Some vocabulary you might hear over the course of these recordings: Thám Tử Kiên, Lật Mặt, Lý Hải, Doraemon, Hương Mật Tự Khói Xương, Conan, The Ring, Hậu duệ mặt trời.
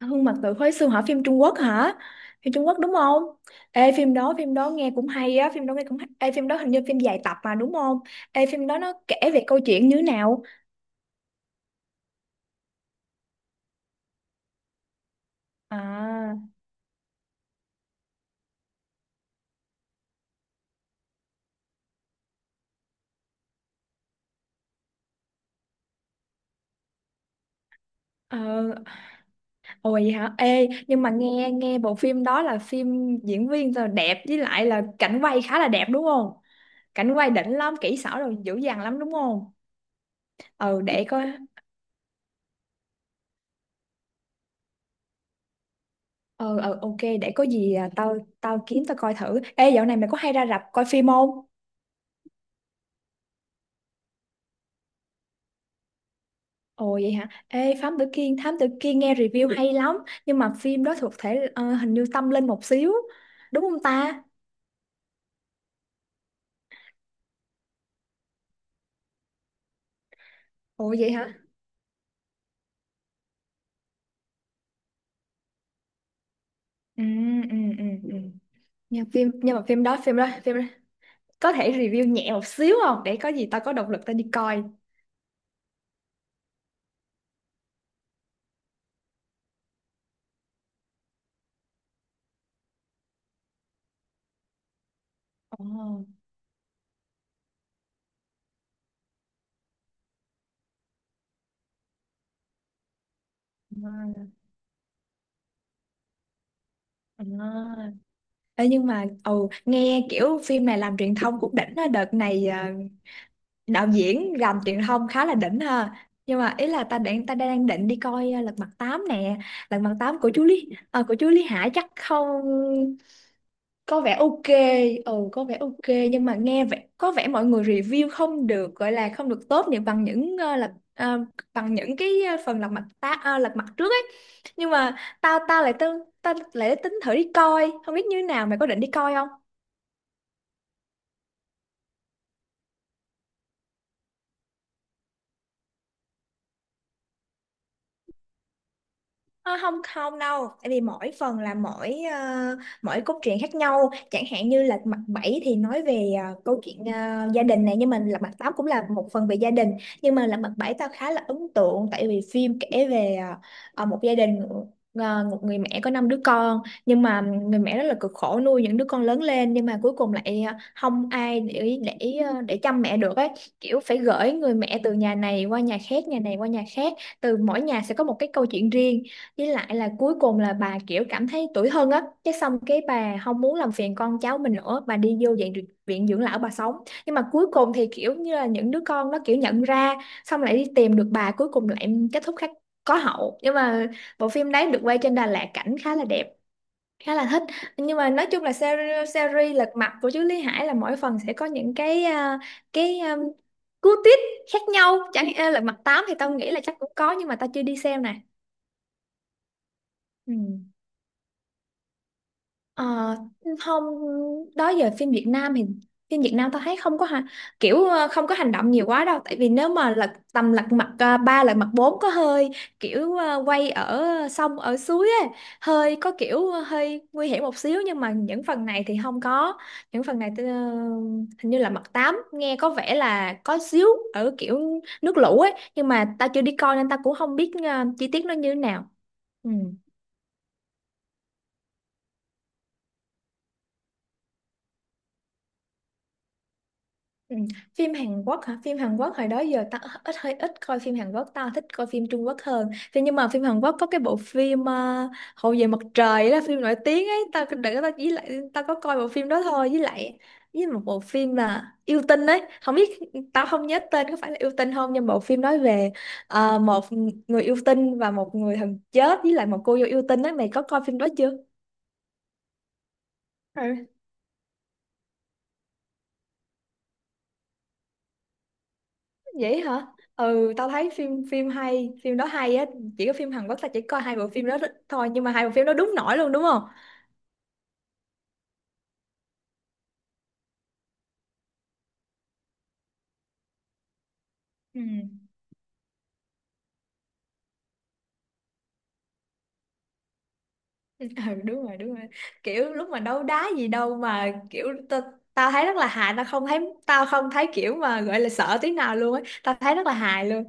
Hương Mật Tự Khói Xương hả? Phim Trung Quốc hả? Phim Trung Quốc đúng không? Ê, phim đó nghe cũng hay á, phim đó nghe cũng hay. Ê, phim đó hình như phim dài tập mà đúng không? Ê, phim đó nó kể về câu chuyện như thế nào? À. Ờ. Ôi vậy hả? Ê, nhưng mà nghe nghe bộ phim đó là phim diễn viên rồi đẹp với lại là cảnh quay khá là đẹp đúng không? Cảnh quay đỉnh lắm, kỹ xảo rồi dữ dằn lắm đúng không? Ừ, để coi. Ờ ờ ok, để có gì, tao tao kiếm tao coi thử. Ê, dạo này mày có hay ra rạp coi phim không? Ồ vậy hả? Ê, Thám Tử Kiên, Thám Tử Kiên nghe review hay lắm. Nhưng mà phim đó thuộc thể, hình như tâm linh một xíu. Đúng không ta? Ồ vậy hả? Ừ, ừ, ừ, ừ. Nhưng mà phim đó. Có thể review nhẹ một xíu không? Để có gì tao có động lực tao đi coi. Ồ. À, à. Ê, nhưng mà nghe kiểu phim này làm truyền thông cũng đỉnh á. Đợt này, đạo diễn làm truyền thông khá là đỉnh ha. Nhưng mà ý là ta đang định đi coi Lật Mặt 8 nè. Lật Mặt 8 của chú Lý Hải chắc không? Có vẻ OK. Ừ, có vẻ OK, nhưng mà nghe vẻ có vẻ mọi người review không được, gọi là không được tốt như bằng những bằng những cái phần Lật Mặt trước ấy. Nhưng mà tao lại tính thử đi coi không biết như thế nào. Mày có định đi coi không? Ờ, không không đâu, tại vì mỗi phần là mỗi cốt truyện khác nhau, chẳng hạn như là mặt 7 thì nói về câu chuyện gia đình này, nhưng mà là mặt 8 cũng là một phần về gia đình. Nhưng mà là mặt 7 tao khá là ấn tượng tại vì phim kể về một gia đình, một người mẹ có năm đứa con, nhưng mà người mẹ rất là cực khổ nuôi những đứa con lớn lên, nhưng mà cuối cùng lại không ai để chăm mẹ được ấy, kiểu phải gửi người mẹ từ nhà này qua nhà khác, nhà này qua nhà khác, từ mỗi nhà sẽ có một cái câu chuyện riêng. Với lại là cuối cùng là bà kiểu cảm thấy tủi thân á. Cái xong cái bà không muốn làm phiền con cháu mình nữa. Bà đi vô viện dưỡng lão bà sống. Nhưng mà cuối cùng thì kiểu như là những đứa con nó kiểu nhận ra, xong lại đi tìm được bà, cuối cùng lại kết thúc khác, có hậu. Nhưng mà bộ phim đấy được quay trên Đà Lạt, cảnh khá là đẹp, khá là thích. Nhưng mà nói chung là series lật mặt của chú Lý Hải là mỗi phần sẽ có những cái cái um, cú twist khác nhau, chẳng à, lật mặt 8 thì tao nghĩ là chắc cũng có nhưng mà tao chưa đi xem nè. Ừ. Ờ, không, đó giờ phim Việt Nam thì phim Việt Nam tao thấy không có ha, kiểu không có hành động nhiều quá đâu, tại vì nếu mà lật mặt 3, lật mặt 4 có hơi kiểu quay ở sông ở suối ấy, hơi có kiểu hơi nguy hiểm một xíu, nhưng mà những phần này thì không có. Những phần này hình như là mặt 8 nghe có vẻ là có xíu ở kiểu nước lũ ấy, nhưng mà tao chưa đi coi nên tao cũng không biết chi tiết nó như thế nào. Ừ. Ừ. Phim Hàn Quốc hả? Phim Hàn Quốc hồi đó giờ ta hơi ít coi phim Hàn Quốc, ta thích coi phim Trung Quốc hơn. Thế nhưng mà phim Hàn Quốc có cái bộ phim, Hậu về mặt trời đó, phim nổi tiếng ấy, ta đừng ta chỉ lại ta có coi bộ phim đó thôi, với lại với một bộ phim là yêu tinh ấy, không biết, tao không nhớ tên có phải là yêu tinh không. Nhưng bộ phim nói về một người yêu tinh và một người thần chết với lại một cô dâu yêu tinh ấy, mày có coi phim đó chưa? Vậy hả? Ừ, tao thấy phim phim hay, phim đó hay á. Chỉ có phim Hàn Quốc tao chỉ coi hai bộ phim đó thôi, nhưng mà hai bộ phim đó đúng nổi luôn đúng không? Ừ. Ừ, đúng rồi, đúng rồi. Kiểu lúc mà đấu đá gì đâu mà kiểu tao tao thấy rất là hài, tao không thấy kiểu mà gọi là sợ tí nào luôn á, tao thấy rất là hài luôn.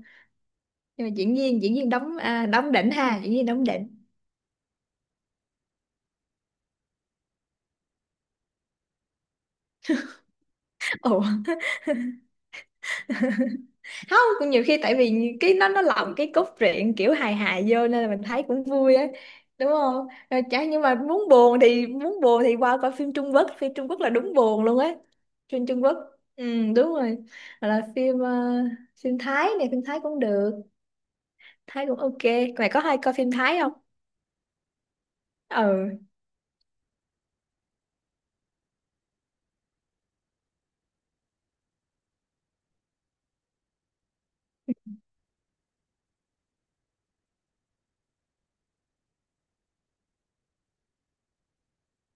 Nhưng mà diễn viên đóng đỉnh ha, diễn viên đóng đỉnh. Ồ. Không, cũng nhiều khi tại vì cái nó lồng cái cốt truyện kiểu hài hài vô nên là mình thấy cũng vui á, đúng không? Rồi chả, nhưng mà muốn buồn thì qua coi phim Trung Quốc, phim Trung Quốc là đúng buồn luôn ấy. Phim Trung Quốc. Ừ, đúng rồi. Hoặc là phim phim Thái này, phim Thái cũng được, Thái cũng OK. Mày có hay coi phim Thái không? Ừ,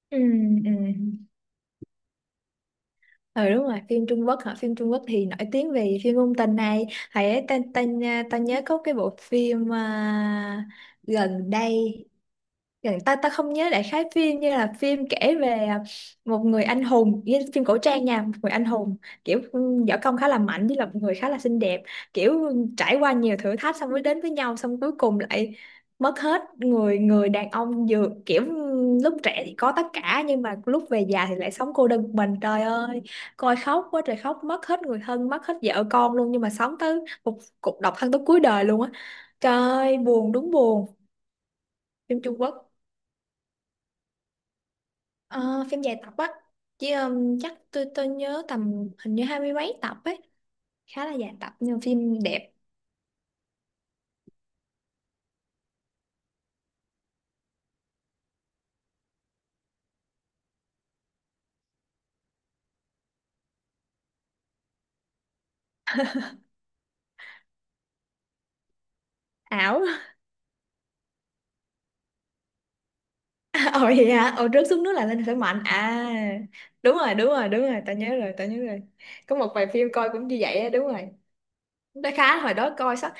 ừ, ừ, ừ, đúng rồi. Phim Trung Quốc hả? Phim Trung Quốc thì nổi tiếng về phim ngôn tình này, thầy ấy tên tên à, tao nhớ có cái bộ phim gần đây, ta ta không nhớ, đại khái phim như là phim kể về một người anh hùng, như phim cổ trang nha, một người anh hùng kiểu võ công khá là mạnh với là một người khá là xinh đẹp, kiểu trải qua nhiều thử thách xong mới đến với nhau, xong cuối cùng lại mất hết, người người đàn ông vừa kiểu lúc trẻ thì có tất cả nhưng mà lúc về già thì lại sống cô đơn một mình, trời ơi. Coi khóc quá trời, khóc mất hết người thân, mất hết vợ con luôn, nhưng mà sống tới một cuộc độc thân tới cuối đời luôn á. Trời ơi buồn, đúng buồn. Phim Trung Quốc. Ờ, phim dài tập á, chứ chắc tôi nhớ tầm hình như hai mươi mấy tập ấy, khá là dài tập nhưng mà phim đẹp. Ảo. Ồ vậy hả? Ồ, rớt xuống nước là lên khởi mạnh à? Đúng rồi, đúng rồi, đúng rồi. Tao nhớ rồi, tao nhớ rồi. Có một vài phim coi cũng như vậy á, đúng rồi. Nó khá, hồi đó coi sao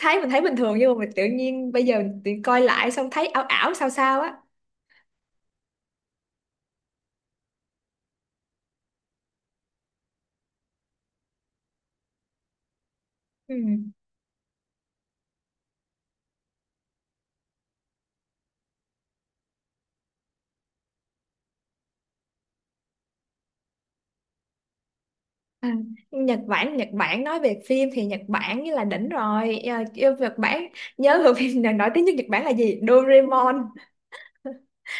thấy bình thường, nhưng mà mình tự nhiên bây giờ mình tự coi lại xong thấy ảo ảo sao sao á. Ừ. À, Nhật Bản, Nhật Bản nói về phim thì Nhật Bản như là đỉnh rồi. Ờ, yêu Nhật Bản. Nhớ bộ phim nào nổi tiếng nhất Nhật Bản là gì? Doraemon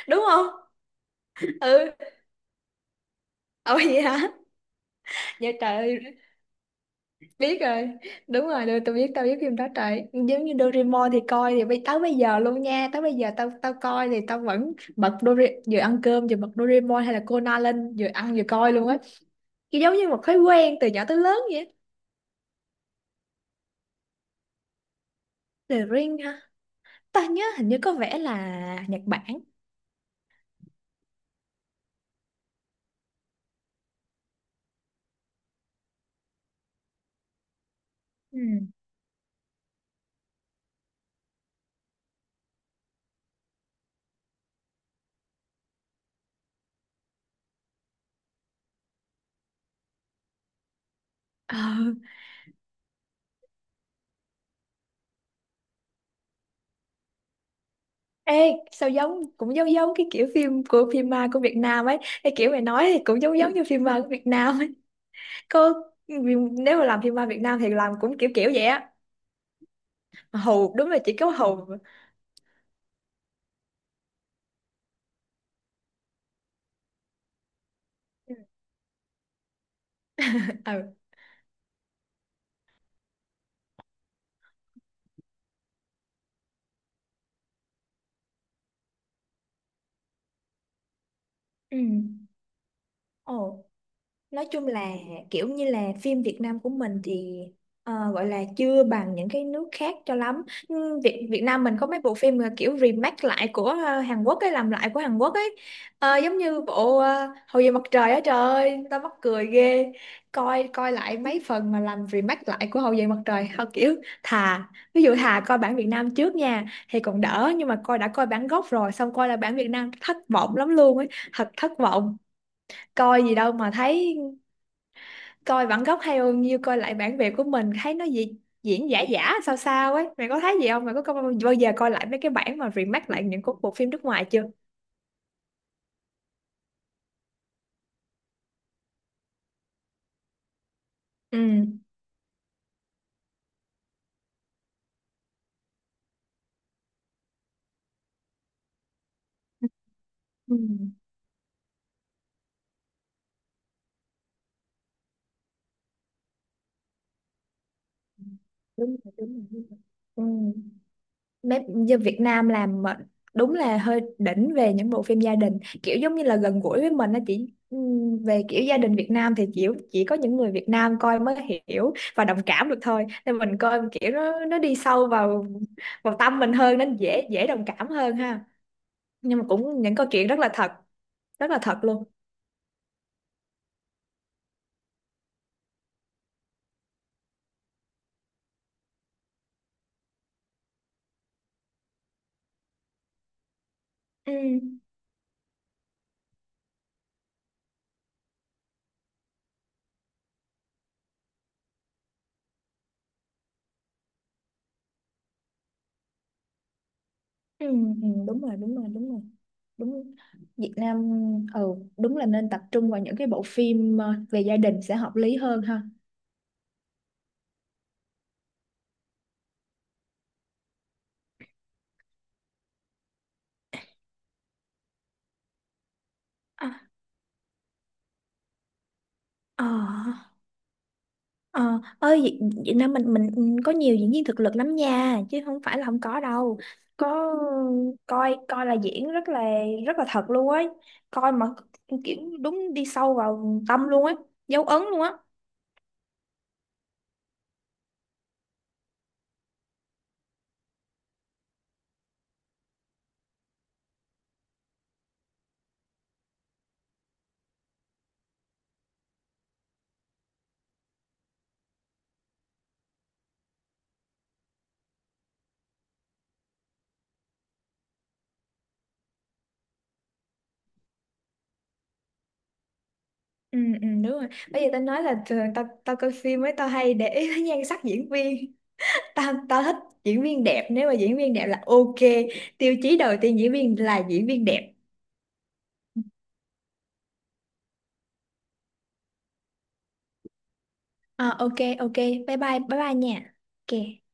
đúng không? Ừ. Ồ vậy hả? Dạ, trời ơi, biết rồi, đúng rồi, được, tôi biết, tao biết phim đó. Trời, giống như Doraemon thì coi thì tới bây giờ luôn nha, tới bây giờ tao tao coi thì tao vẫn bật Doraemon vừa ăn cơm vừa bật Doraemon hay là Conan lên, vừa ăn vừa coi luôn á. Kiểu giống như một thói quen từ nhỏ tới lớn vậy á. The Ring ha, ta nhớ hình như có vẻ là Nhật Bản. Ừ. Ờ. Ê, sao giống, cũng giống giống cái kiểu phim của phim ma của Việt Nam ấy. Cái kiểu mày nói thì cũng giống giống như phim ma của Việt Nam ấy. Có, nếu mà làm phim ma Việt Nam thì làm cũng kiểu kiểu vậy á. Mà hù đúng là chỉ có hù. Ừ. Ừ. Ồ. Nói chung là kiểu như là phim Việt Nam của mình thì gọi là chưa bằng những cái nước khác cho lắm. Ừ, Việt Việt Nam mình có mấy bộ phim là kiểu remake lại của Hàn Quốc ấy, làm lại của Hàn Quốc ấy. Ờ, giống như bộ Hậu duệ mặt trời á, trời ơi tao mắc cười ghê. Coi coi lại mấy phần mà làm remake lại của Hậu duệ mặt trời. Thôi kiểu, thà ví dụ thà coi bản Việt Nam trước nha thì còn đỡ, nhưng mà đã coi bản gốc rồi xong coi là bản Việt Nam thất vọng lắm luôn ấy, thật thất vọng. Coi gì đâu mà thấy, coi bản gốc hay hơn. Như coi lại bản Việt của mình thấy nó gì, diễn giả giả sao sao ấy. Mày có thấy gì không? Mày có coi bao giờ coi lại mấy cái bản mà remake lại những cái bộ phim nước ngoài chưa? Ừ. Ừ, đúng rồi, đúng rồi, đúng rồi. Ừ. Bếp như Việt Nam làm mà đúng là hơi đỉnh về những bộ phim gia đình, kiểu giống như là gần gũi với mình, nó chỉ về kiểu gia đình Việt Nam thì chỉ có những người Việt Nam coi mới hiểu và đồng cảm được thôi, nên mình coi kiểu nó đi sâu vào vào tâm mình hơn nên dễ dễ đồng cảm hơn ha. Nhưng mà cũng những câu chuyện rất là thật, rất là thật luôn. Ừ, ừ, ừ, đúng rồi, đúng rồi, đúng rồi, đúng. Việt Nam, ừ, đúng là nên tập trung vào những cái bộ phim về gia đình sẽ hợp lý hơn ha. Ờ, ờ, ơi Việt, Việt Nam mình, có nhiều diễn viên thực lực lắm nha, chứ không phải là không có đâu. Có, coi coi là diễn rất là thật luôn ấy. Coi mà kiểu đúng đi sâu vào tâm luôn ấy, dấu ấn luôn á. Ừ, ừ, đúng rồi. Bây giờ tao nói là thường tao tao coi phim ấy tao hay để ý tới nhan sắc diễn viên. Tao tao thích diễn viên đẹp, nếu mà diễn viên đẹp là OK. Tiêu chí đầu tiên diễn viên là diễn viên đẹp. Ờ, OK, OK, bye bye, bye bye nha. OK.